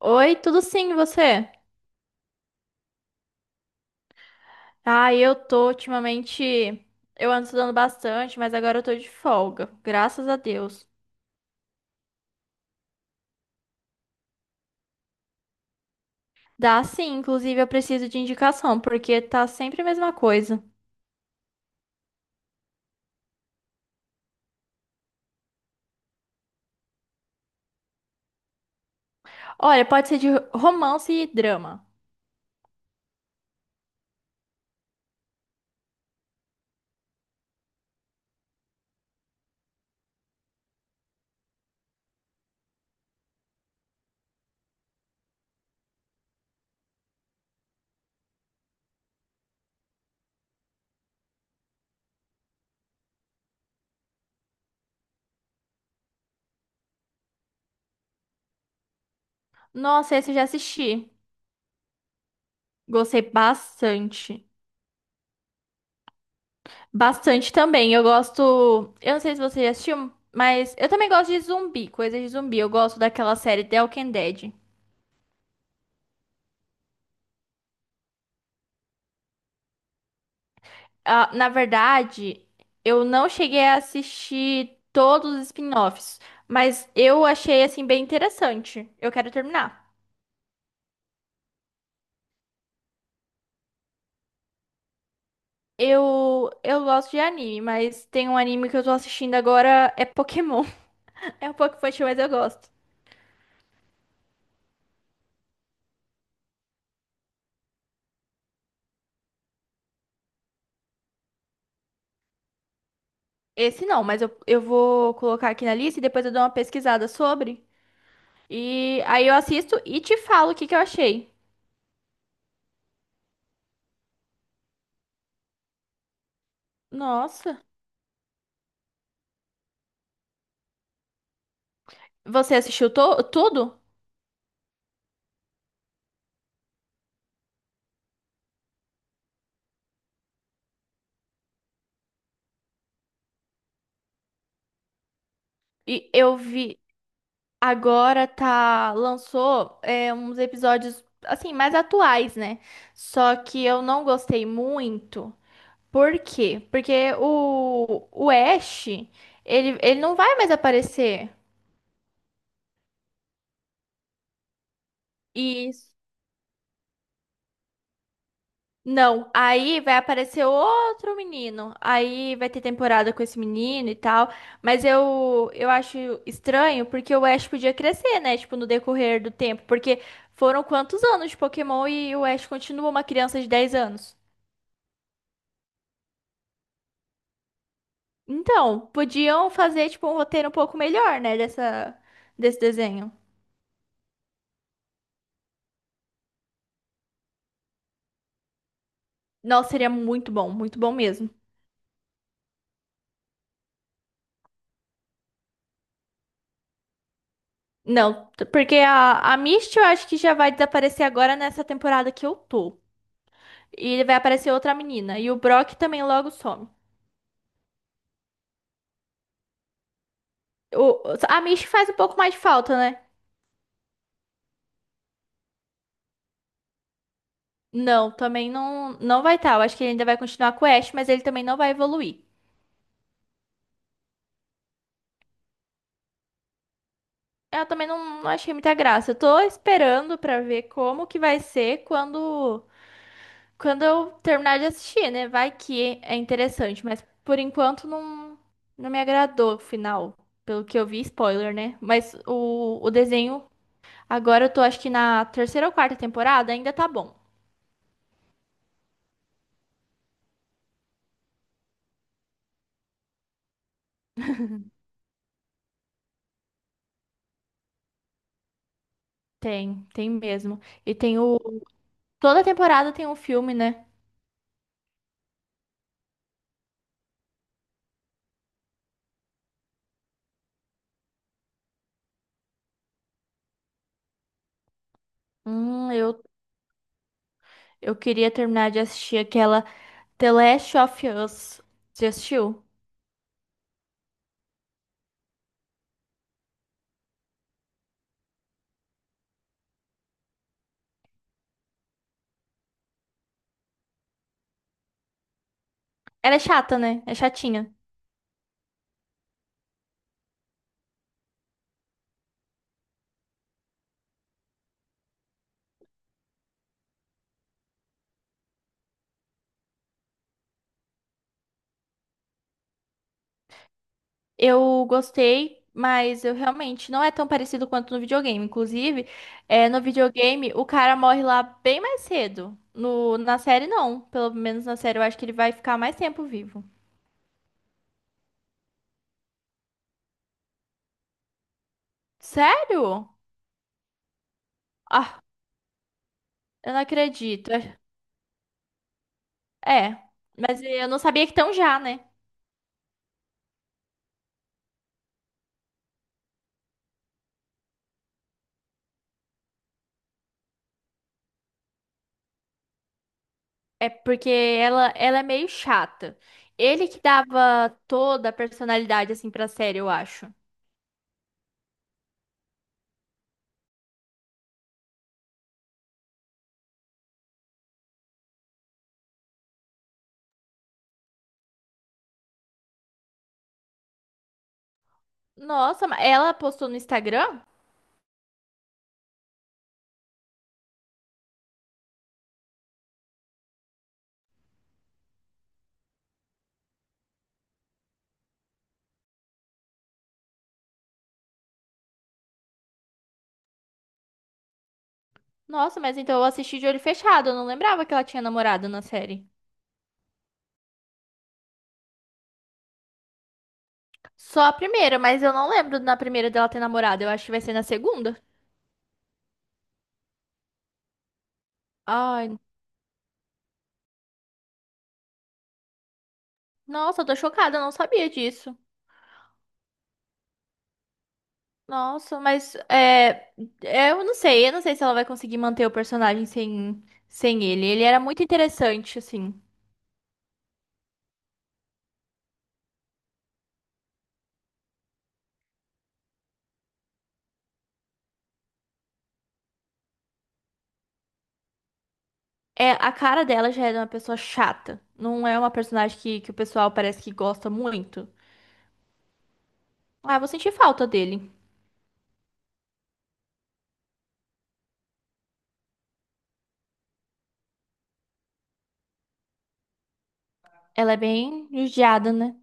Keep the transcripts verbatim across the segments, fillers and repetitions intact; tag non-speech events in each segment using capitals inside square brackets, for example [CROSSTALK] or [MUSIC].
Oi, tudo sim, e você? Ah, eu tô ultimamente. Eu ando estudando bastante, mas agora eu tô de folga, graças a Deus. Dá sim, inclusive eu preciso de indicação, porque tá sempre a mesma coisa. Olha, pode ser de romance e drama. Nossa, esse eu já assisti. Gostei bastante. Bastante também. Eu gosto. Eu não sei se você já assistiu, mas eu também gosto de zumbi, coisa de zumbi. Eu gosto daquela série The Walking Dead. Ah, na verdade, eu não cheguei a assistir todos os spin-offs, mas eu achei assim bem interessante. Eu quero terminar. Eu eu gosto de anime, mas tem um anime que eu tô assistindo agora é Pokémon. [LAUGHS] É um pouco infantil, mas eu gosto. Esse não, mas eu, eu vou colocar aqui na lista e depois eu dou uma pesquisada sobre. E aí eu assisto e te falo o que que eu achei. Nossa, você assistiu to tudo? E eu vi Agora tá, lançou é, uns episódios assim mais atuais, né? Só que eu não gostei muito. Por quê? Porque o, o Ash, ele, ele não vai mais aparecer. Isso. Não, aí vai aparecer outro menino. Aí vai ter temporada com esse menino e tal. Mas eu, eu acho estranho porque o Ash podia crescer, né? Tipo, no decorrer do tempo. Porque foram quantos anos de Pokémon e o Ash continua uma criança de dez anos? Então, podiam fazer tipo um roteiro um pouco melhor, né, dessa desse desenho. Nossa, seria muito bom, muito bom mesmo. Não, t- porque a, a Misty eu acho que já vai desaparecer agora nessa temporada que eu tô. E vai aparecer outra menina. E o Brock também logo some. O, a Misty faz um pouco mais de falta, né? Não, também não, não vai estar. Eu acho que ele ainda vai continuar com o Ash, mas ele também não vai evoluir. Eu também não, não achei muita graça. Eu tô esperando pra ver como que vai ser quando. Quando eu terminar de assistir, né? Vai que é interessante, mas por enquanto não, não me agradou o final. Pelo que eu vi, spoiler, né? Mas o, o desenho, agora eu tô acho que na terceira ou quarta temporada, ainda tá bom. Tem, tem mesmo. E tem o. Toda temporada tem um filme, né? Hum, eu, eu queria terminar de assistir aquela The Last of Us. Você assistiu? Ela é chata, né? É chatinha. Eu gostei, mas eu realmente não é tão parecido quanto no videogame. Inclusive, é, no videogame o cara morre lá bem mais cedo. No, na série, não. Pelo menos na série eu acho que ele vai ficar mais tempo vivo. Sério? Ah, eu não acredito. É, mas eu não sabia que tão já, né? É porque ela, ela é meio chata. Ele que dava toda a personalidade assim pra série, eu acho. Nossa, mas ela postou no Instagram? Nossa, mas então eu assisti de olho fechado. Eu não lembrava que ela tinha namorado na série. Só a primeira, mas eu não lembro na primeira dela ter namorado. Eu acho que vai ser na segunda. Ai, nossa, eu tô chocada, eu não sabia disso. Nossa, mas é, é, eu não sei, eu não sei se ela vai conseguir manter o personagem sem, sem ele. Ele era muito interessante, assim. É, a cara dela já é uma pessoa chata. Não é uma personagem que, que o pessoal parece que gosta muito. Ah, eu vou sentir falta dele. Ela é bem judiada, né?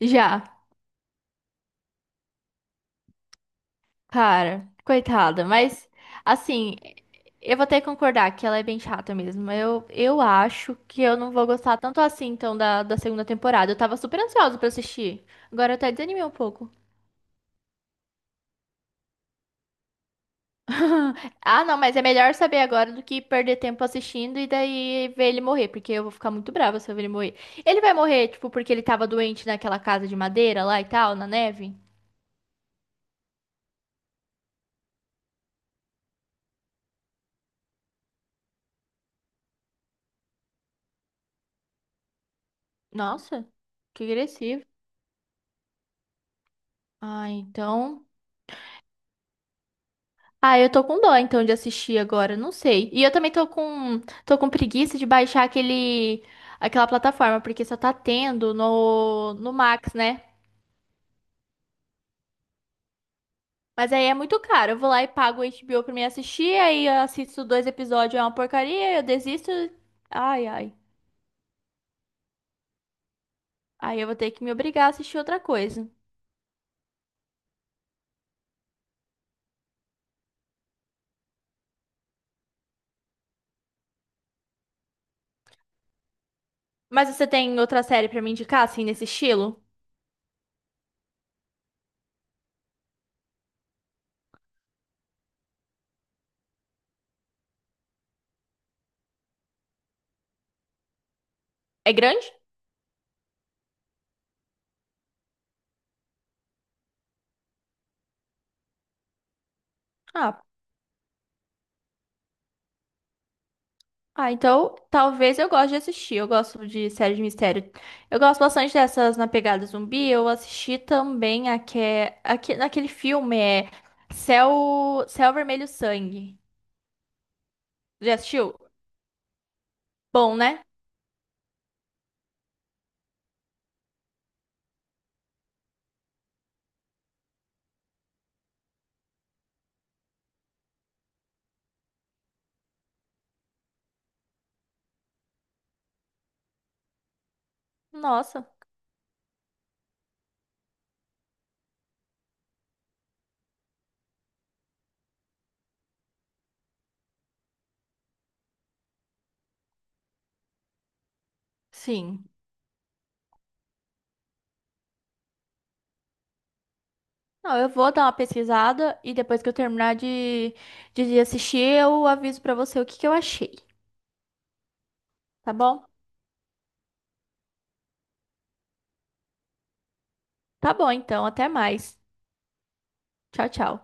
Já. Cara, coitada, mas assim, eu vou ter que concordar que ela é bem chata mesmo. Eu, eu acho que eu não vou gostar tanto assim, então, da, da segunda temporada. Eu tava super ansiosa pra assistir. Agora eu até desanimei um pouco. [LAUGHS] Ah, não, mas é melhor saber agora do que perder tempo assistindo e daí ver ele morrer, porque eu vou ficar muito brava se eu ver ele morrer. Ele vai morrer, tipo, porque ele tava doente naquela casa de madeira lá e tal, na neve? Nossa, que agressivo. Ah, então. Ah, eu tô com dó então de assistir agora, não sei. E eu também tô com tô com preguiça de baixar aquele aquela plataforma, porque só tá tendo no no Max, né? Mas aí é muito caro. Eu vou lá e pago o H B O pra me assistir, aí eu assisto dois episódios, é uma porcaria, eu desisto. Ai, ai. Aí eu vou ter que me obrigar a assistir outra coisa. Mas você tem outra série pra me indicar assim nesse estilo? É grande? Ah. Ah, então talvez eu goste de assistir. Eu gosto de série de mistério. Eu gosto bastante dessas na pegada zumbi. Eu assisti também aque... aque... naquele filme é Céu... Céu Vermelho Sangue. Já assistiu? Bom, né? Nossa, sim. Não, eu vou dar uma pesquisada e depois que eu terminar de, de de assistir, eu aviso pra você o que que eu achei, tá bom? Tá bom, então, até mais. Tchau, tchau.